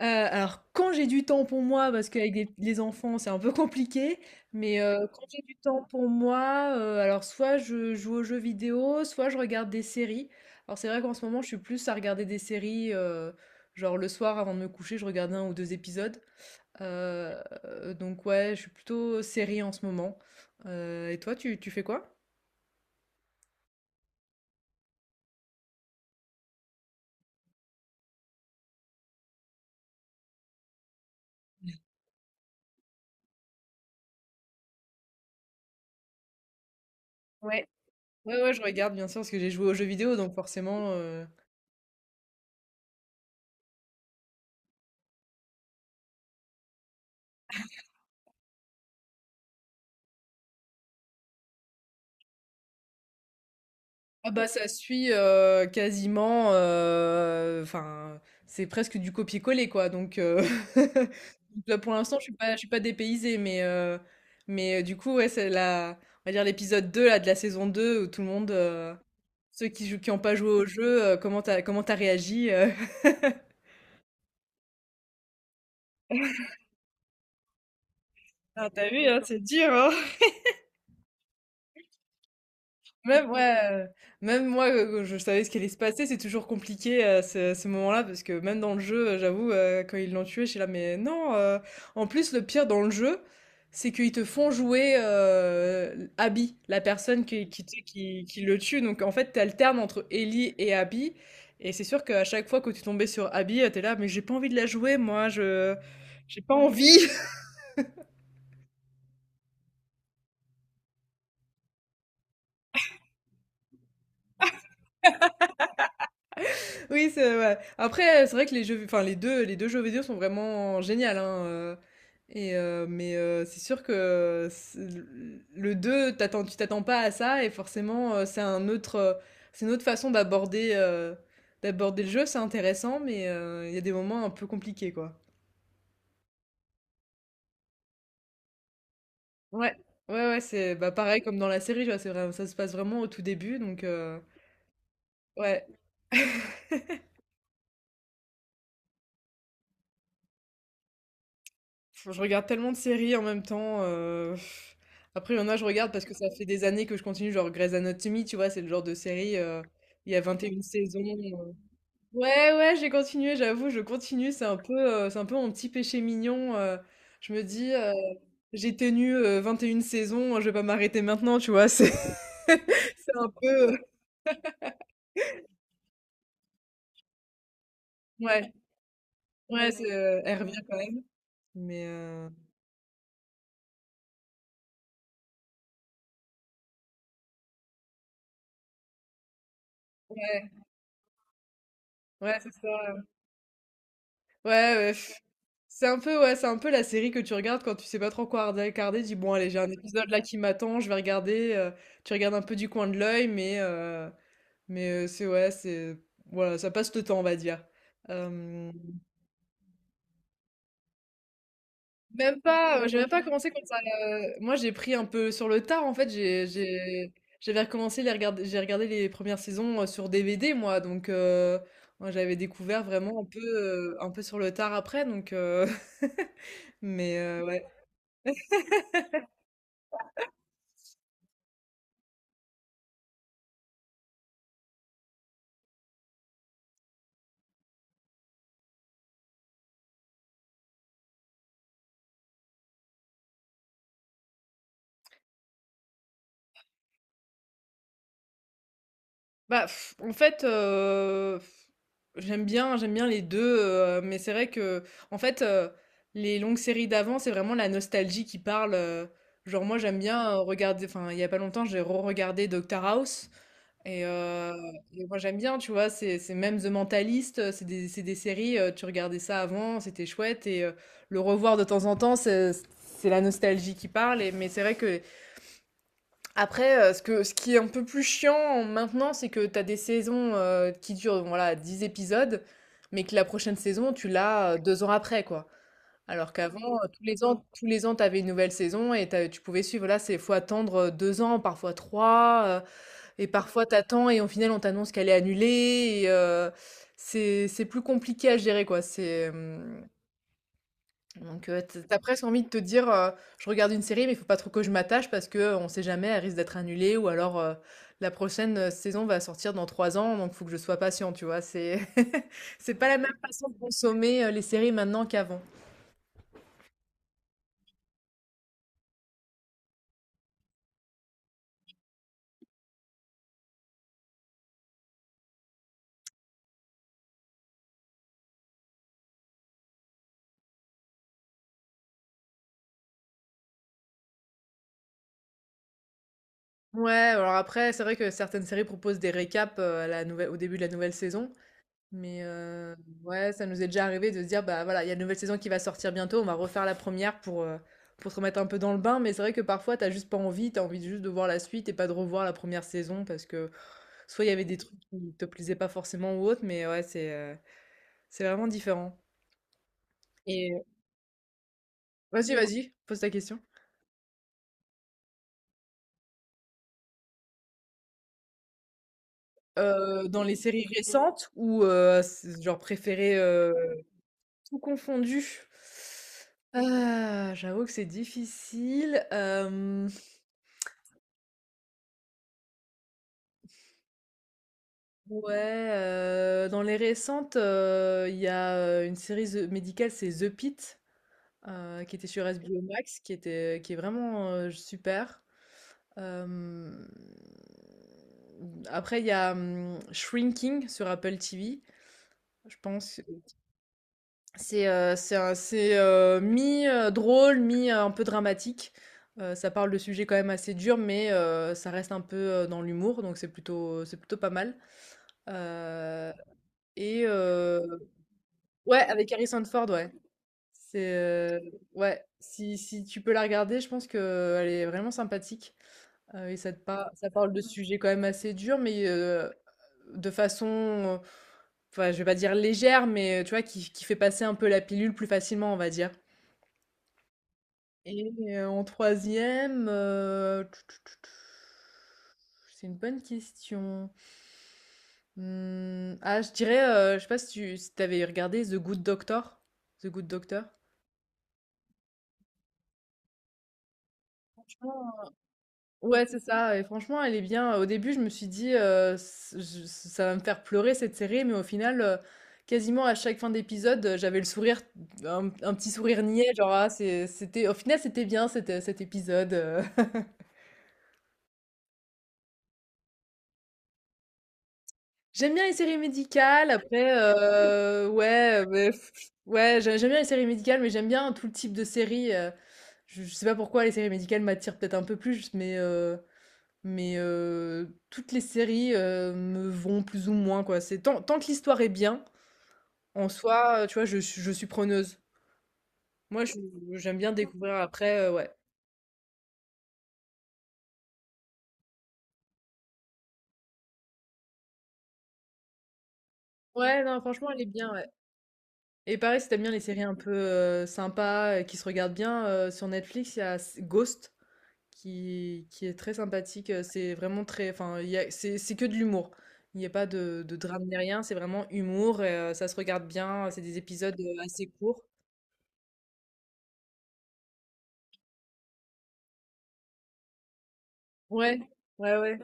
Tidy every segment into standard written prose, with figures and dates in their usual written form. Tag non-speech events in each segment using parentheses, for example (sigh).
Alors quand j'ai du temps pour moi, parce qu'avec des les enfants, c'est un peu compliqué, mais quand j'ai du temps pour moi, alors soit je joue aux jeux vidéo, soit je regarde des séries. Alors c'est vrai qu'en ce moment, je suis plus à regarder des séries, genre le soir avant de me coucher, je regarde un ou 2 épisodes. Heu, donc ouais, je suis plutôt série en ce moment. Et toi, tu fais quoi? Ouais. Ouais, ouais, je regarde bien sûr, parce que j'ai joué aux jeux vidéo, donc forcément Ah bah ça suit, quasiment, enfin, c'est presque du copier-coller quoi donc (laughs) donc là pour l'instant je suis pas dépaysée mais mais du coup ouais c'est la on va dire l'épisode 2 là de la saison 2 où tout le monde, ceux qui jouent qui ont pas joué au jeu, comment t'as réagi? (laughs) Ah t'as vu hein, c'est dur hein? Même, ouais, même moi, je savais ce qui allait se passer. C'est toujours compliqué à ce moment-là parce que même dans le jeu, j'avoue, quand ils l'ont tué, je suis là, mais non. En plus, le pire dans le jeu, c'est qu'ils te font jouer Abby, la personne tu sais, qui le tue. Donc en fait, t'alternes entre Ellie et Abby. Et c'est sûr qu'à chaque fois que tu tombais sur Abby, t'es là, mais j'ai pas envie de la jouer, moi, j'ai pas envie. Oui, c'est ouais. Après, c'est vrai que les jeux, enfin les deux, jeux vidéo sont vraiment géniaux, hein. Mais c'est sûr que le 2, t'attends, tu t'attends pas à ça, et forcément, c'est un autre, c'est une autre façon d'aborder, d'aborder le jeu. C'est intéressant, mais il y a des moments un peu compliqués, quoi. Ouais, ouais, ouais, c'est bah pareil comme dans la série, tu vois, c'est vrai, ça se passe vraiment au tout début, donc ouais. Je regarde tellement de séries en même temps, après il y en a je regarde parce que ça fait des années que je continue, genre Grey's Anatomy, tu vois? C'est le genre de série, il y a 21 saisons ouais, ouais, j'ai continué, j'avoue, je continue, c'est un peu mon petit péché mignon, je me dis: «J'ai tenu, 21 saisons, hein, je vais pas m'arrêter maintenant», tu vois? C'est (laughs) c'est un peu, heu ouais, ouais, c'est, elle revient quand même, mais ouais, ouais, c'est ça. Ouais, ouais. Pff. C'est un peu, ouais, c'est un peu la série que tu regardes quand tu sais pas trop quoi regarder. Dis bon, allez, j'ai un épisode là qui m'attend, je vais regarder. Tu regardes un peu du coin de l'œil, mais mais c'est ouais, c'est voilà, ça passe le temps, on va dire. Euh, Même pas, j'ai même pas commencé quand ça. Moi, j'ai pris un peu sur le tard en fait. J'avais recommencé les regarder, j'ai regardé les premières saisons sur DVD moi, donc moi, j'avais découvert vraiment un peu sur le tard après, donc (laughs) ouais. Bah, en fait, j'aime bien les 2 mais c'est vrai que en fait, les longues séries d'avant, c'est vraiment la nostalgie qui parle, genre moi j'aime bien, regarder enfin, il y a pas longtemps, j'ai re-regardé Doctor House. Et heu et moi j'aime bien, tu vois? C'est même The Mentalist, c'est des séries, tu regardais ça avant, c'était chouette, le revoir de temps en temps, c'est la nostalgie qui parle et mais c'est vrai que après, ce qui est un peu plus chiant maintenant, c'est que t'as des saisons, qui durent, bon, voilà, 10 épisodes, mais que la prochaine saison, tu l'as, 2 ans après, quoi. Alors qu'avant, tous les ans, t'avais une nouvelle saison et tu pouvais suivre. Là, c'est faut attendre, 2 ans, parfois trois, et parfois t'attends et au final, on t'annonce qu'elle est annulée. C'est plus compliqué à gérer, quoi. Donc, tu as presque envie de te dire: «Je regarde une série, mais il faut pas trop que je m'attache parce qu'on sait jamais, elle risque d'être annulée ou alors, la prochaine, saison va sortir dans 3 ans, donc faut que je sois patient», tu vois? C'est (laughs) c'est pas la même façon de consommer, les séries maintenant qu'avant. Ouais, alors après, c'est vrai que certaines séries proposent des récaps, à la nouvel au début de la nouvelle saison. Mais ouais, ça nous est déjà arrivé de se dire, bah voilà, il y a une nouvelle saison qui va sortir bientôt, on va refaire la première pour se remettre un peu dans le bain. Mais c'est vrai que parfois, t'as juste pas envie, t'as envie juste de voir la suite et pas de revoir la première saison parce que soit il y avait des trucs qui te plaisaient pas forcément ou autre, mais ouais, c'est vraiment différent. Et vas-y, vas-y, pose ta question. Dans les séries récentes ou c'est genre préférées tout confondu? Ah, j'avoue que c'est difficile. Ouais, dans les récentes, il y a, une série ze médicale, c'est The Pitt, qui était sur HBO Max, qui est vraiment, super. Hem, Après il y a, Shrinking sur Apple TV, je pense. C'est, mi, drôle, mi, un peu dramatique. Ça parle de sujets quand même assez durs, mais, ça reste un peu, dans l'humour, donc c'est plutôt pas mal. Heu et euh, Ouais, avec Harrison Ford, ouais. C'est Ouais, si tu peux la regarder, je pense que elle est vraiment sympathique. Et ça, ça parle de sujets quand même assez durs, mais de façon, enfin, je vais pas dire légère, mais tu vois, qui fait passer un peu la pilule plus facilement, on va dire. Et en troisième, c'est une bonne question. Ah, je dirais, je sais pas si tu si t'avais regardé The Good Doctor. The Good Doctor. Ouais, c'est ça. Et franchement, elle est bien. Au début, je me suis dit, ça va me faire pleurer cette série, mais au final, quasiment à chaque fin d'épisode, j'avais le sourire, un petit sourire niais, genre, ah, c'était, au final, c'était bien cet épisode. (laughs) J'aime bien les séries médicales. Après, ouais, mais ouais, j'aime bien les séries médicales, mais j'aime bien tout le type de séries. Je, sais pas pourquoi les séries médicales m'attirent peut-être un peu plus, mais. Mais toutes les séries, me vont plus ou moins, quoi. C'est tant que l'histoire est bien, en soi, tu vois, je suis preneuse. Moi, je j'aime bien découvrir après, ouais. Ouais, non, franchement, elle est bien, ouais. Et pareil, si t'aimes bien les séries un peu, sympas, qui se regardent bien, sur Netflix, il y a s Ghost qui est très sympathique, c'est vraiment très enfin, il y a c'est que de l'humour. Il y a pas de drame ni rien, c'est vraiment humour et ça se regarde bien, c'est des épisodes, assez courts. Ouais, ouais, ouais.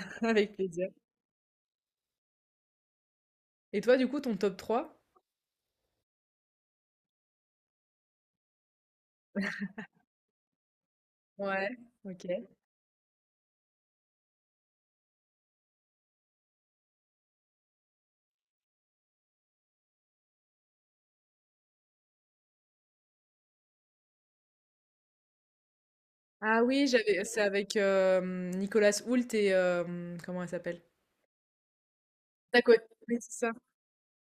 (laughs) Avec plaisir. Et toi, du coup, ton top trois? Ouais, OK. Ah oui, j'avais c'est avec, Nicolas Hoult et comment elle s'appelle? D'accord. Oui, c'est ça.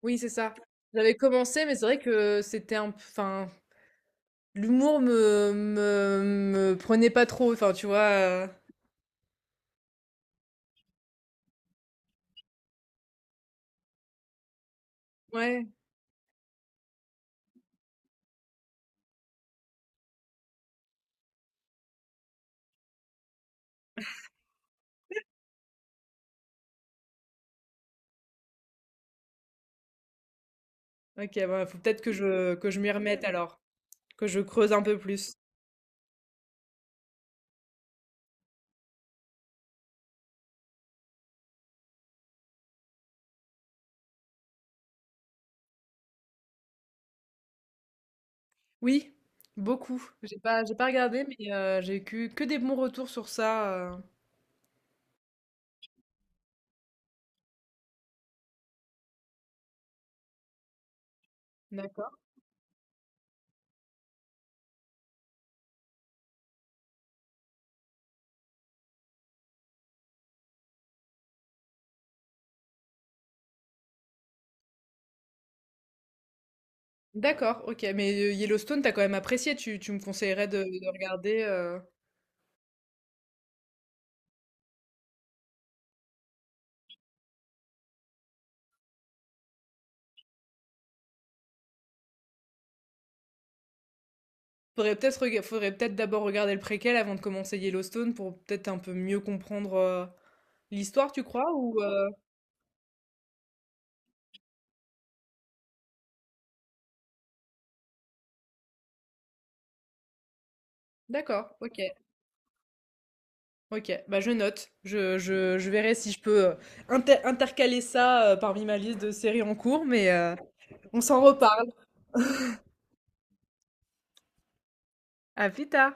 Oui, c'est ça. J'avais commencé, mais c'est vrai que c'était un p enfin, l'humour me prenait pas trop, enfin, tu vois? Ouais, OK, bah, faut peut-être que je m'y remette alors, que je creuse un peu plus. Oui, beaucoup. J'ai pas regardé, mais j'ai eu que des bons retours sur ça. D'accord. D'accord, OK, mais, Yellowstone, t'as quand même apprécié, tu me conseillerais de regarder faudrait peut-être d'abord regarder le préquel avant de commencer Yellowstone pour peut-être un peu mieux comprendre, l'histoire, tu crois? D'accord, OK, OK, bah, je note. Je verrai si je peux, intercaler ça, parmi ma liste de séries en cours, mais, on s'en reparle. À plus tard.